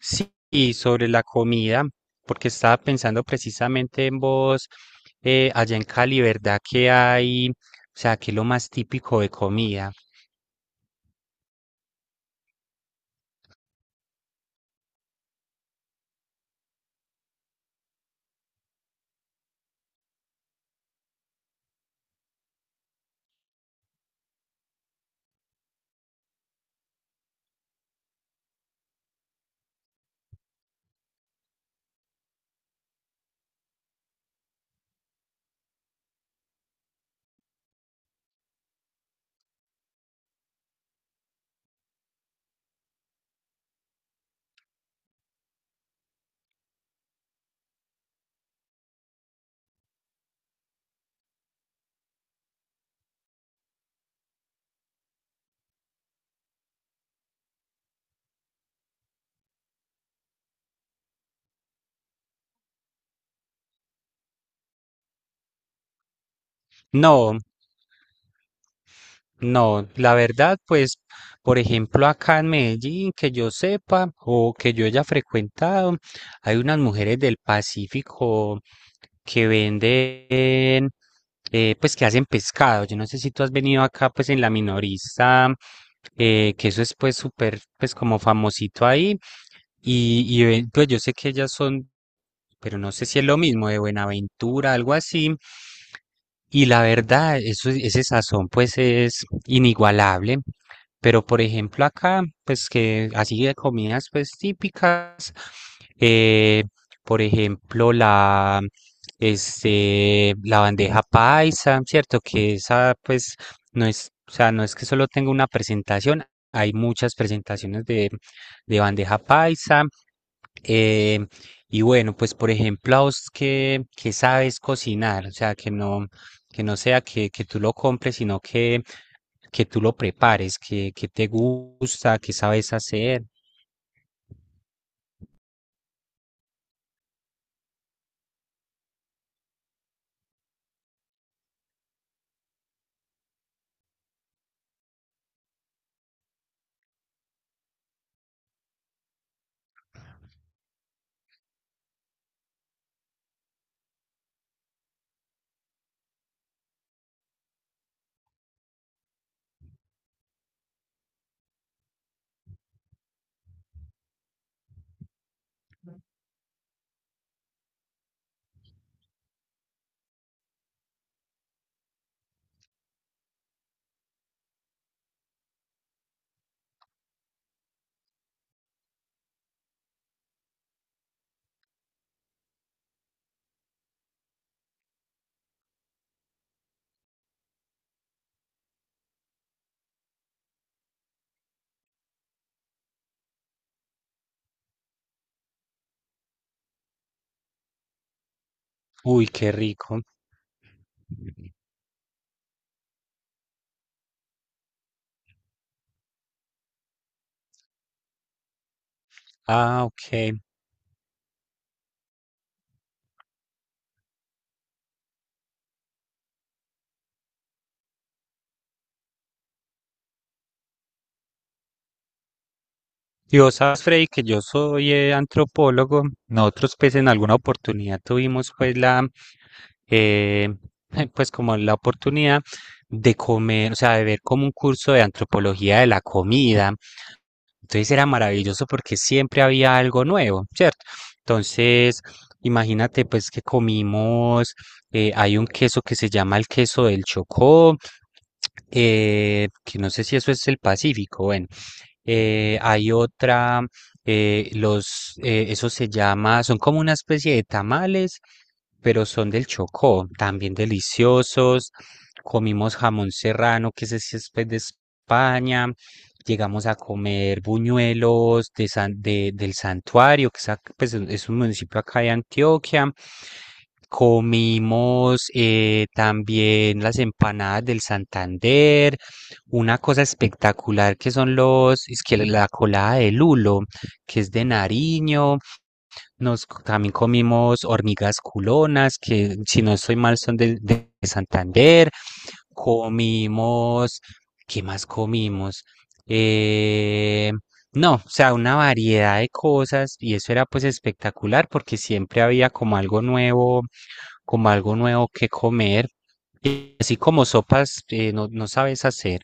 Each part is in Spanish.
Sí, y sobre la comida, porque estaba pensando precisamente en vos, allá en Cali, ¿verdad que hay, qué es lo más típico de comida? No. No, la verdad, pues, por ejemplo, acá en Medellín, que yo sepa o que yo haya frecuentado, hay unas mujeres del Pacífico que venden, pues, que hacen pescado. Yo no sé si tú has venido acá, pues, en la minorista, que eso es, pues, súper, pues, como famosito ahí. Y ven- pues, yo sé que ellas son pero no sé si es lo mismo de Buenaventura, algo así. Y la verdad, eso, ese sazón pues es inigualable. Pero por ejemplo acá, pues que así de comidas pues típicas, eh, por ejemplo la, este, la bandeja paisa, ¿cierto? Que esa pues no es, o sea, no es que solo tenga una presentación, hay muchas presentaciones de bandeja paisa. eh, y bueno, pues por ejemplo a vos que sabes cocinar, o sea, que no sea que tú lo compres, sino que tú lo prepares, que te gusta, que sabes hacer. Uy, qué rico. Ah, ok. Y vos sabes, Freddy, que yo soy antropólogo. Nosotros, pues, en alguna oportunidad tuvimos, pues, la, eh, pues, como la oportunidad de comer, o sea, de ver como un curso de antropología de la comida. Entonces era maravilloso porque siempre había algo nuevo, ¿cierto? Entonces, imagínate pues que comimos, hay un queso que se llama el queso del Chocó, que no sé si eso es el Pacífico, bueno, hay otra, los, eso se llama, son como una especie de tamales, pero son del Chocó, también deliciosos. Comimos jamón serrano, que ese sí es pues, de España. Llegamos a comer buñuelos de San- de- del Santuario, que es, ac- pues, es un municipio acá de Antioquia. Comimos también las empanadas del Santander. Una cosa espectacular que son los, es que la colada de lulo, que es de Nariño, nos co- también comimos hormigas culonas, que si no estoy mal son de Santander, comimos, ¿qué más comimos? Eh, no, o sea, una variedad de cosas y eso era pues espectacular porque siempre había como algo nuevo que comer. Y así como sopas, no, no sabes hacer.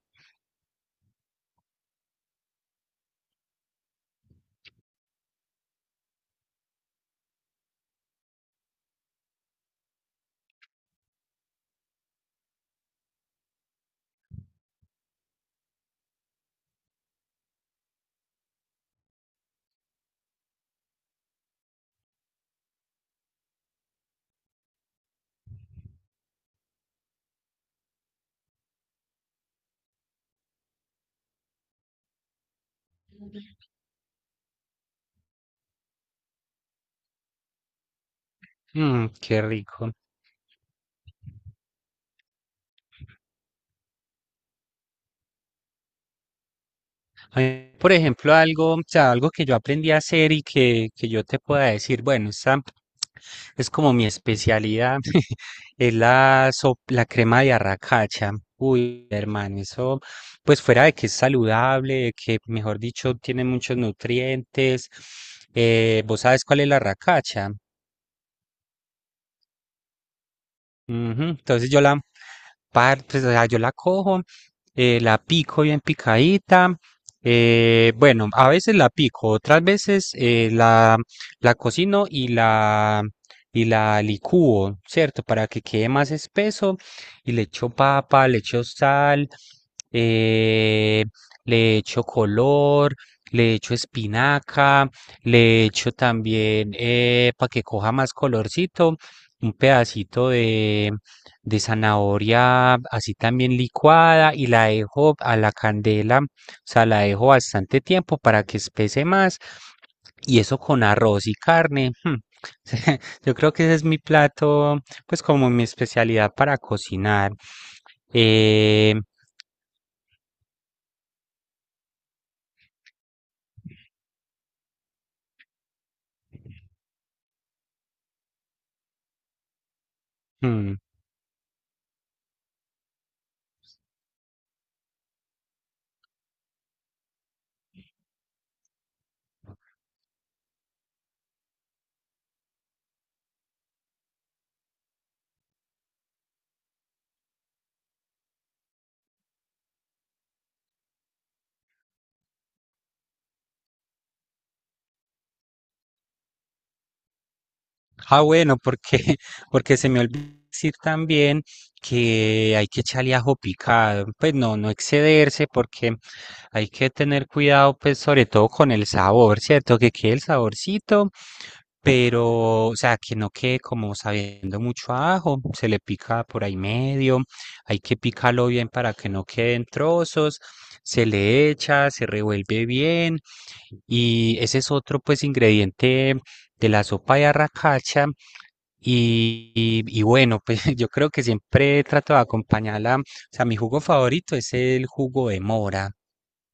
Mm, qué rico. A mí, por ejemplo, algo, o sea, algo que yo aprendí a hacer y que yo te pueda decir, bueno, esta es como mi especialidad, es la, sop- la crema de arracacha. Uy, hermano, eso, pues fuera de que es saludable, de que, mejor dicho, tiene muchos nutrientes. ¿Vos sabes cuál es la arracacha? Ujú. Entonces yo la par- pues, o sea, yo la cojo, la pico bien picadita. Bueno, a veces la pico, otras veces la, la cocino y y la licúo, ¿cierto? Para que quede más espeso y le echo papa, le echo sal, eh, le echo color, le echo espinaca, le echo también para que coja más colorcito un pedacito de zanahoria así también licuada y la dejo a la candela, o sea, la dejo bastante tiempo para que espese más y eso con arroz y carne. Hmm. Yo creo que ese es mi plato, pues como mi especialidad para cocinar. Eh, mm. Ah, bueno, porque, porque se me olvidó decir también que hay que echarle ajo picado. Pues no, no excederse porque hay que tener cuidado, pues sobre todo con el sabor, ¿cierto? Que quede el saborcito, pero, o sea, que no quede como sabiendo mucho a ajo. Se le pica por ahí medio, hay que picarlo bien para que no queden trozos. Se le echa, se revuelve bien. Y ese es otro, pues, ingrediente de la sopa de arracacha. Y bueno, pues yo creo que siempre trato de acompañarla. O sea, mi jugo favorito es el jugo de mora.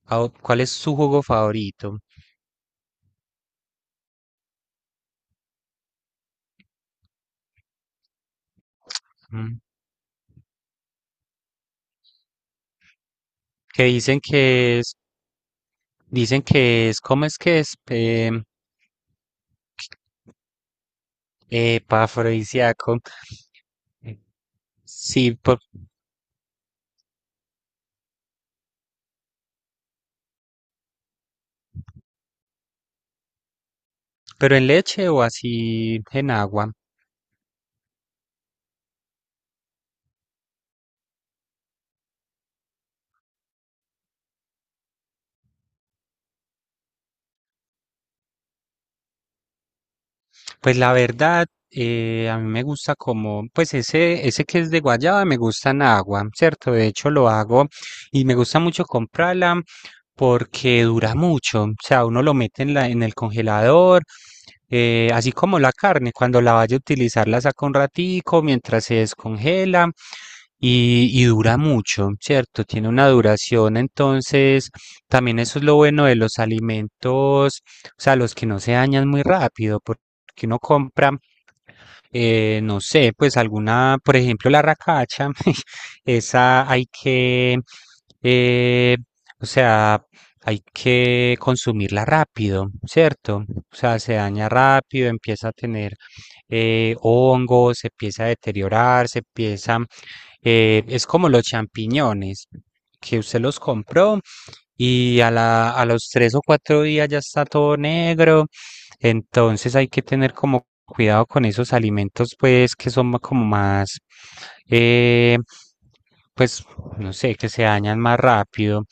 Ah, o- ¿Cuál es su jugo favorito? Mm. Que dicen que es, ¿cómo es que es? Em. Epafrodisíaco. Sí, por- pero ¿en leche o así en agua? Pues la verdad, a mí me gusta como, pues ese que es de guayaba me gusta en agua, ¿cierto? De hecho lo hago y me gusta mucho comprarla porque dura mucho. O sea, uno lo mete en en el congelador, así como la carne, cuando la vaya a utilizar la saca un ratico mientras se descongela y dura mucho, ¿cierto? Tiene una duración, entonces también eso es lo bueno de los alimentos, o sea, los que no se dañan muy rápido, porque uno compra, no sé, pues alguna, por ejemplo, la racacha, esa hay que, eh, o sea, hay que consumirla rápido, ¿cierto? O sea, se daña rápido, empieza a tener hongos, se empieza a deteriorar, se empieza, es como los champiñones, que usted los compró y a los tres o cuatro días ya está todo negro. Entonces hay que tener como cuidado con esos alimentos, pues, que son ma- como más, eh, pues, no sé, que se dañan más rápido.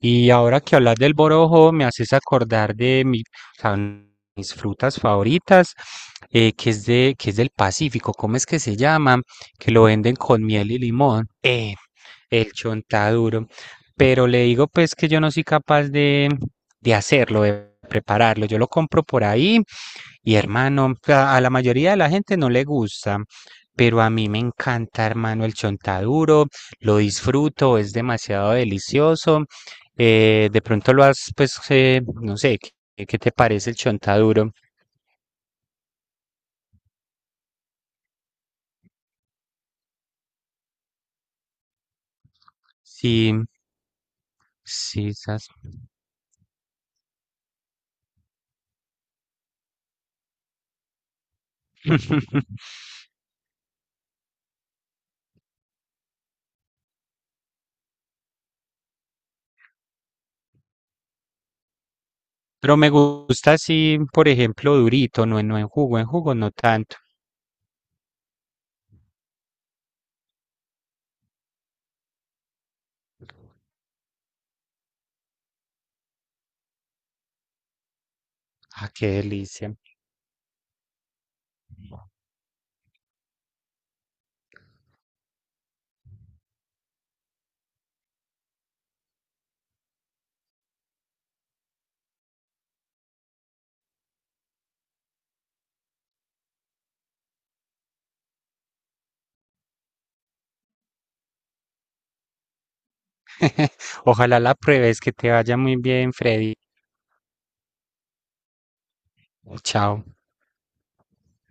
Y ahora que hablas del borojo, me haces acordar de mi- o sea, un- mis frutas favoritas, que es de, que es del Pacífico. ¿Cómo es que se llama? Que lo venden con miel y limón. El chontaduro. Pero le digo pues que yo no soy capaz de hacerlo, de prepararlo. Yo lo compro por ahí y hermano, a la mayoría de la gente no le gusta. Pero a mí me encanta, hermano, el chontaduro, lo disfruto, es demasiado delicioso. De pronto lo has, pues, no sé, qué te parece el chontaduro? Sí, sí, esas- pero me gusta así, por ejemplo, durito, no en, no en jugo, en jugo no tanto. Ah, qué delicia. Ojalá la pruebes, que te vaya muy bien, Freddy. Chao.